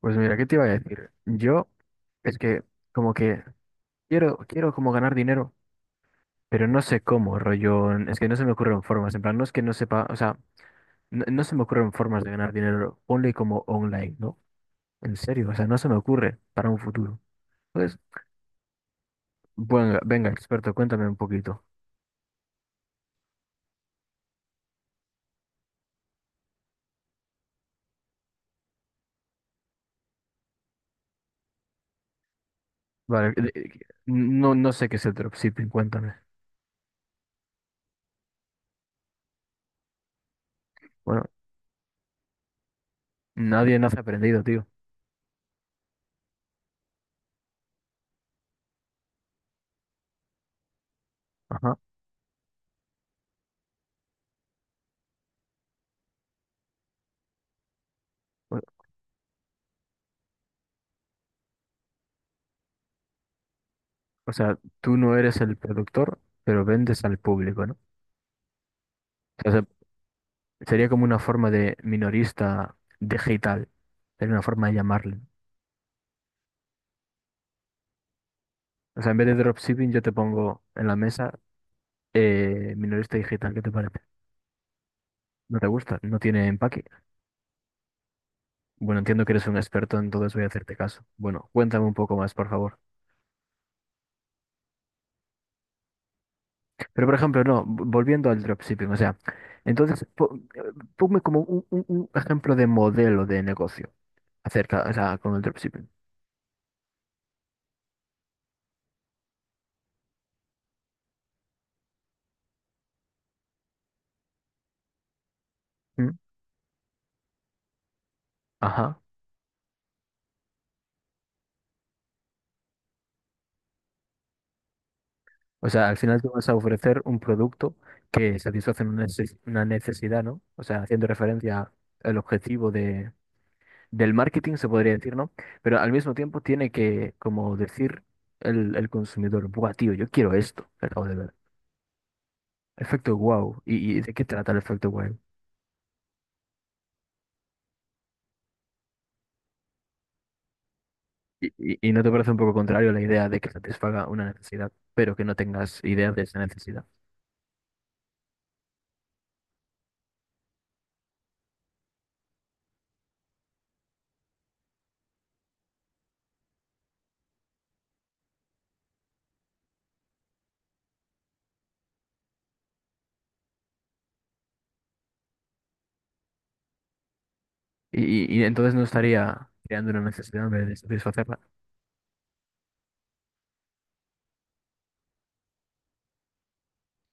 Pues mira, ¿qué te iba a decir? Yo es que como que quiero, quiero como ganar dinero, pero no sé cómo, rollo, es que no se me ocurren formas, en plan, no es que no sepa, o sea, no se me ocurren formas de ganar dinero, only como online, ¿no? En serio, o sea, no se me ocurre para un futuro. Pues, bueno, venga, experto, cuéntame un poquito. Vale, no, no sé qué es el dropshipping, cuéntame. Bueno, nadie nace aprendido, tío. Ajá. O o sea, tú no eres el productor, pero vendes al público, ¿no? Sería como una forma de minorista digital. Sería una forma de llamarle. O sea, en vez de dropshipping, yo te pongo en la mesa minorista digital. ¿Qué te parece? ¿No te gusta? ¿No tiene empaque? Bueno, entiendo que eres un experto, entonces voy a hacerte caso. Bueno, cuéntame un poco más, por favor. Pero, por ejemplo, no, volviendo al dropshipping, o sea, entonces, ponme como un ejemplo de modelo de negocio acerca, o sea, con el dropshipping. ¿Mm? Ajá. O sea, al final tú vas a ofrecer un producto que satisface una una necesidad, ¿no? O sea, haciendo referencia al objetivo del marketing, se podría decir, ¿no? Pero al mismo tiempo tiene que, como decir el consumidor, buah, tío, yo quiero esto, que acabo de ver. Efecto wow. ¿Y de qué trata el efecto wow? Y no te parece un poco contrario la idea de que satisfaga una necesidad, pero que no tengas idea de esa necesidad? Y, y entonces no estaría creando una necesidad en vez de satisfacerla.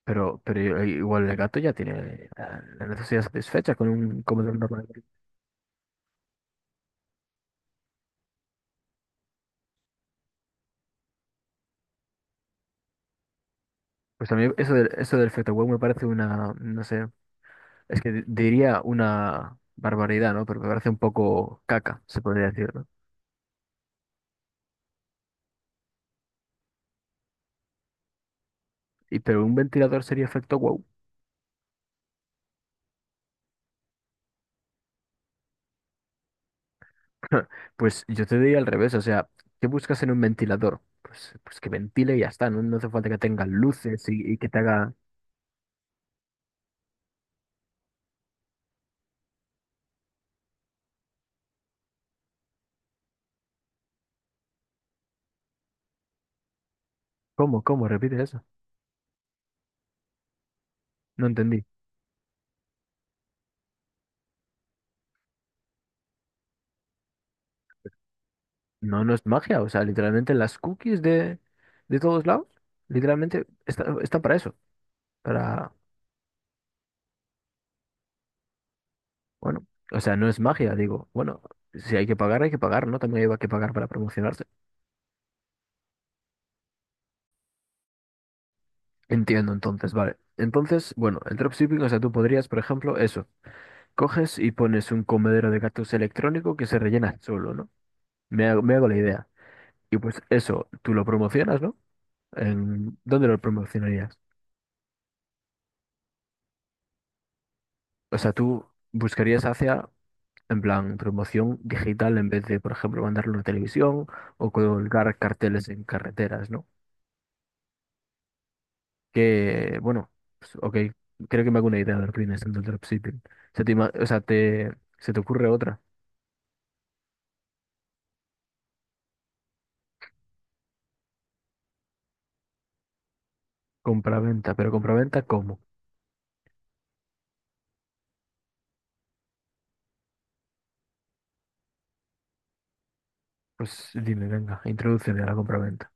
Pero igual el gato ya tiene la necesidad satisfecha con un comedor normal. Pues a mí eso eso del Fetaway me parece una, no sé, es que diría una barbaridad, ¿no? Pero me parece un poco caca, se podría decir, ¿no? Y pero un ventilador sería efecto wow. Pues yo te diría al revés, o sea, ¿qué buscas en un ventilador? Pues que ventile y ya está, no, no hace falta que tenga luces y que te haga. ¿Cómo? ¿Cómo? Repite eso. No entendí. No, no es magia, o sea, literalmente las cookies de todos lados, literalmente está para eso, para, bueno, o sea, no es magia, digo, bueno, si hay que pagar, hay que pagar, ¿no? También hay que pagar para promocionarse. Entiendo, entonces, vale. Entonces, bueno, el dropshipping, o sea, tú podrías, por ejemplo, eso, coges y pones un comedero de gatos electrónico que se rellena solo, ¿no? Me hago la idea. Y pues eso, tú lo promocionas, ¿no? ¿Dónde lo promocionarías? O sea, tú buscarías hacia en plan, promoción digital en vez de, por ejemplo, mandarlo en la televisión o colgar carteles en carreteras, ¿no? Que, bueno, pues, ok, creo que me hago una idea de lo que viene siendo el dropshipping. O sea, se te ocurre otra, compraventa, pero compraventa, ¿cómo? Pues dime, venga, introdúceme a la compraventa.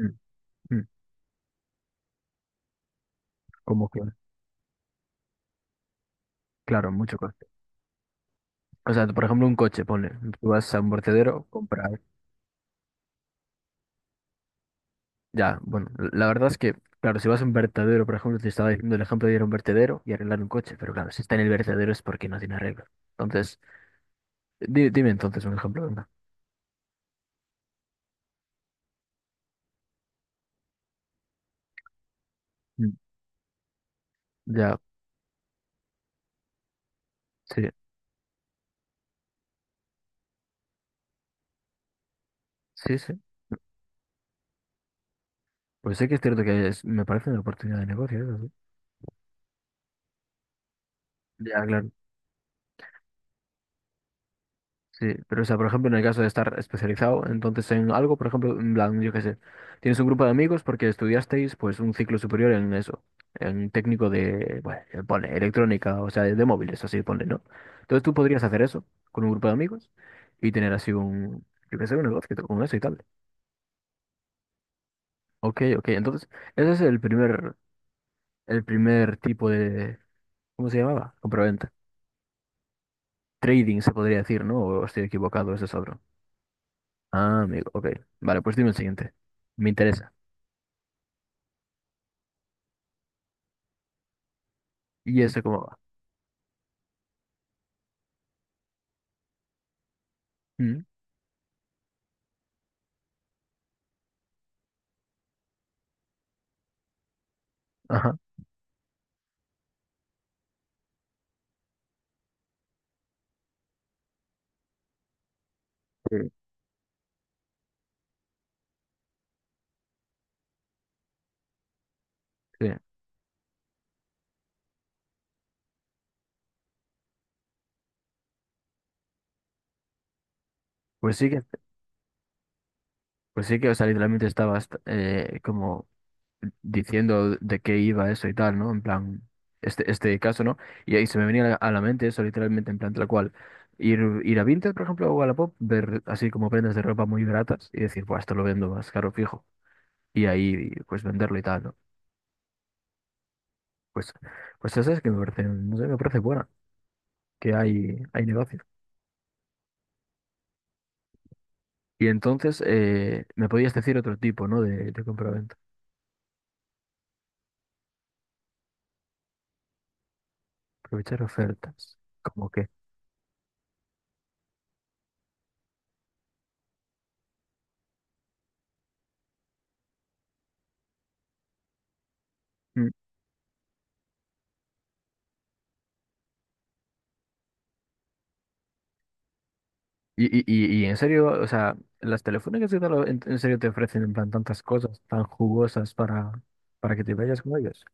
Mm, mm. ¿Cómo que? Claro, mucho coste. O sea, por ejemplo, un coche, pone, tú vas a un vertedero, compras. Ya, bueno, la verdad es que, claro, si vas a un vertedero, por ejemplo, te estaba diciendo el ejemplo de ir a un vertedero y arreglar un coche, pero claro, si está en el vertedero es porque no tiene arreglo. Entonces, dime entonces un ejemplo, venga. Mm. Ya, sí, sí, sí. Pues sí que es cierto que me parece una oportunidad de negocio, eso sí. Ya, claro. Sí, pero o sea, por ejemplo, en el caso de estar especializado, entonces en algo, por ejemplo, en plan, yo qué sé, tienes un grupo de amigos porque estudiasteis pues un ciclo superior en eso, en técnico de, bueno, pone electrónica, o sea, de móviles, así pone, ¿no? Entonces tú podrías hacer eso con un grupo de amigos y tener así un, yo qué sé, un negocio con eso y tal. Ok, ok, entonces ese es el primer tipo de, ¿cómo se llamaba? Compraventa. Trading se podría decir, ¿no? O estoy equivocado, ese es otro. Ah, amigo, ok. Vale, pues dime el siguiente. Me interesa. ¿Y eso cómo va? Mm. Ajá. Sí, sí. Pues sí que, pues sí que, o sea, literalmente estabas como diciendo de qué iba eso y tal, ¿no? En plan, este caso, ¿no? Y ahí se me venía a la mente eso, literalmente, en plan tal cual. Ir, ir a Vinted, por ejemplo, o a Wallapop, ver así como prendas de ropa muy baratas y decir, pues esto lo vendo más caro fijo. Y ahí, pues venderlo y tal, ¿no? Pues, pues eso es que me parece, no sé, me parece buena, que hay negocio. Y entonces me podías decir otro tipo, ¿no? De compra aprovechar ofertas. ¿Cómo qué? Mm. Y en serio, o sea, las telefónicas y tal, en serio te ofrecen en plan tantas cosas tan jugosas para que te vayas con ellos.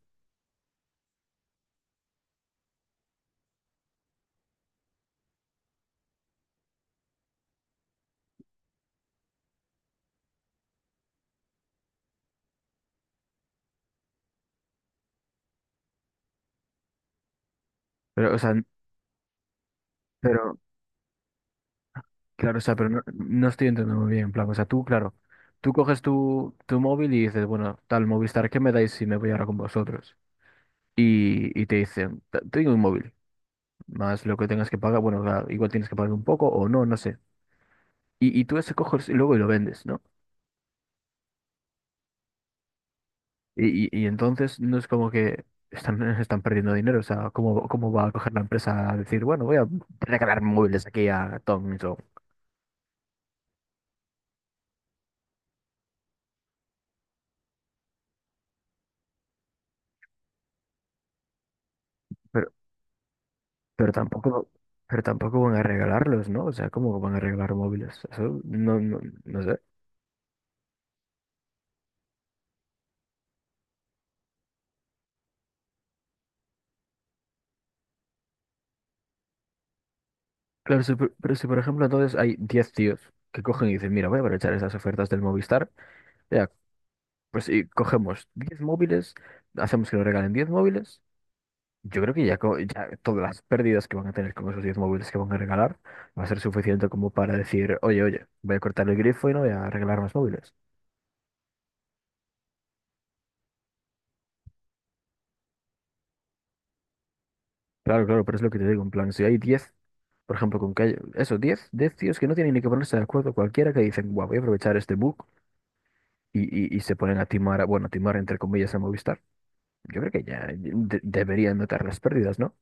Pero, o sea, pero, claro, o sea, pero no, no estoy entendiendo muy bien, en plan, o sea, tú, claro, tú coges tu móvil y dices, bueno, tal Movistar, ¿qué me dais si me voy ahora con vosotros? Y te dicen, tengo un móvil, más lo que tengas que pagar, bueno, o sea, igual tienes que pagar un poco o no, no sé. Y tú ese coges y luego y lo vendes, ¿no? Y entonces no es como que están, están perdiendo dinero. O sea, ¿cómo, cómo va a coger la empresa a decir, bueno, voy a regalar móviles aquí a Tom y Joe? Pero, pero tampoco, pero tampoco van a regalarlos, ¿no? O sea, ¿cómo van a regalar móviles? Eso no, no, no sé. Claro, pero si por ejemplo entonces hay 10 tíos que cogen y dicen, mira, voy a aprovechar esas ofertas del Movistar, ya, pues y cogemos 10 móviles, hacemos que nos regalen 10 móviles. Yo creo que ya, ya todas las pérdidas que van a tener con esos 10 móviles que van a regalar va a ser suficiente como para decir, oye, oye, voy a cortar el grifo y no voy a regalar más móviles. Claro, claro, pero es lo que te digo, en plan, si hay 10 por ejemplo, con que hay, eso, 10 10 tíos que no tienen ni que ponerse de acuerdo cualquiera que dicen, guau, voy a aprovechar este bug y, y se ponen a timar, bueno, a timar entre comillas a Movistar, yo creo que ya deberían notar las pérdidas, ¿no?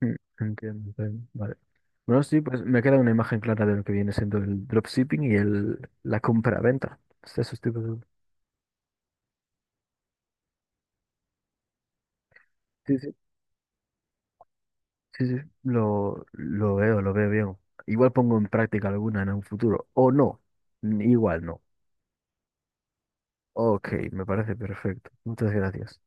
Mm. Entiendo, entiendo. Bueno, sí, pues me queda una imagen clara de lo que viene siendo el dropshipping y la compra-venta. Esos tipos de- sí, sí, sí, sí, lo veo bien. Igual pongo en práctica alguna en un futuro, o no, igual no. Ok, me parece perfecto. Muchas gracias.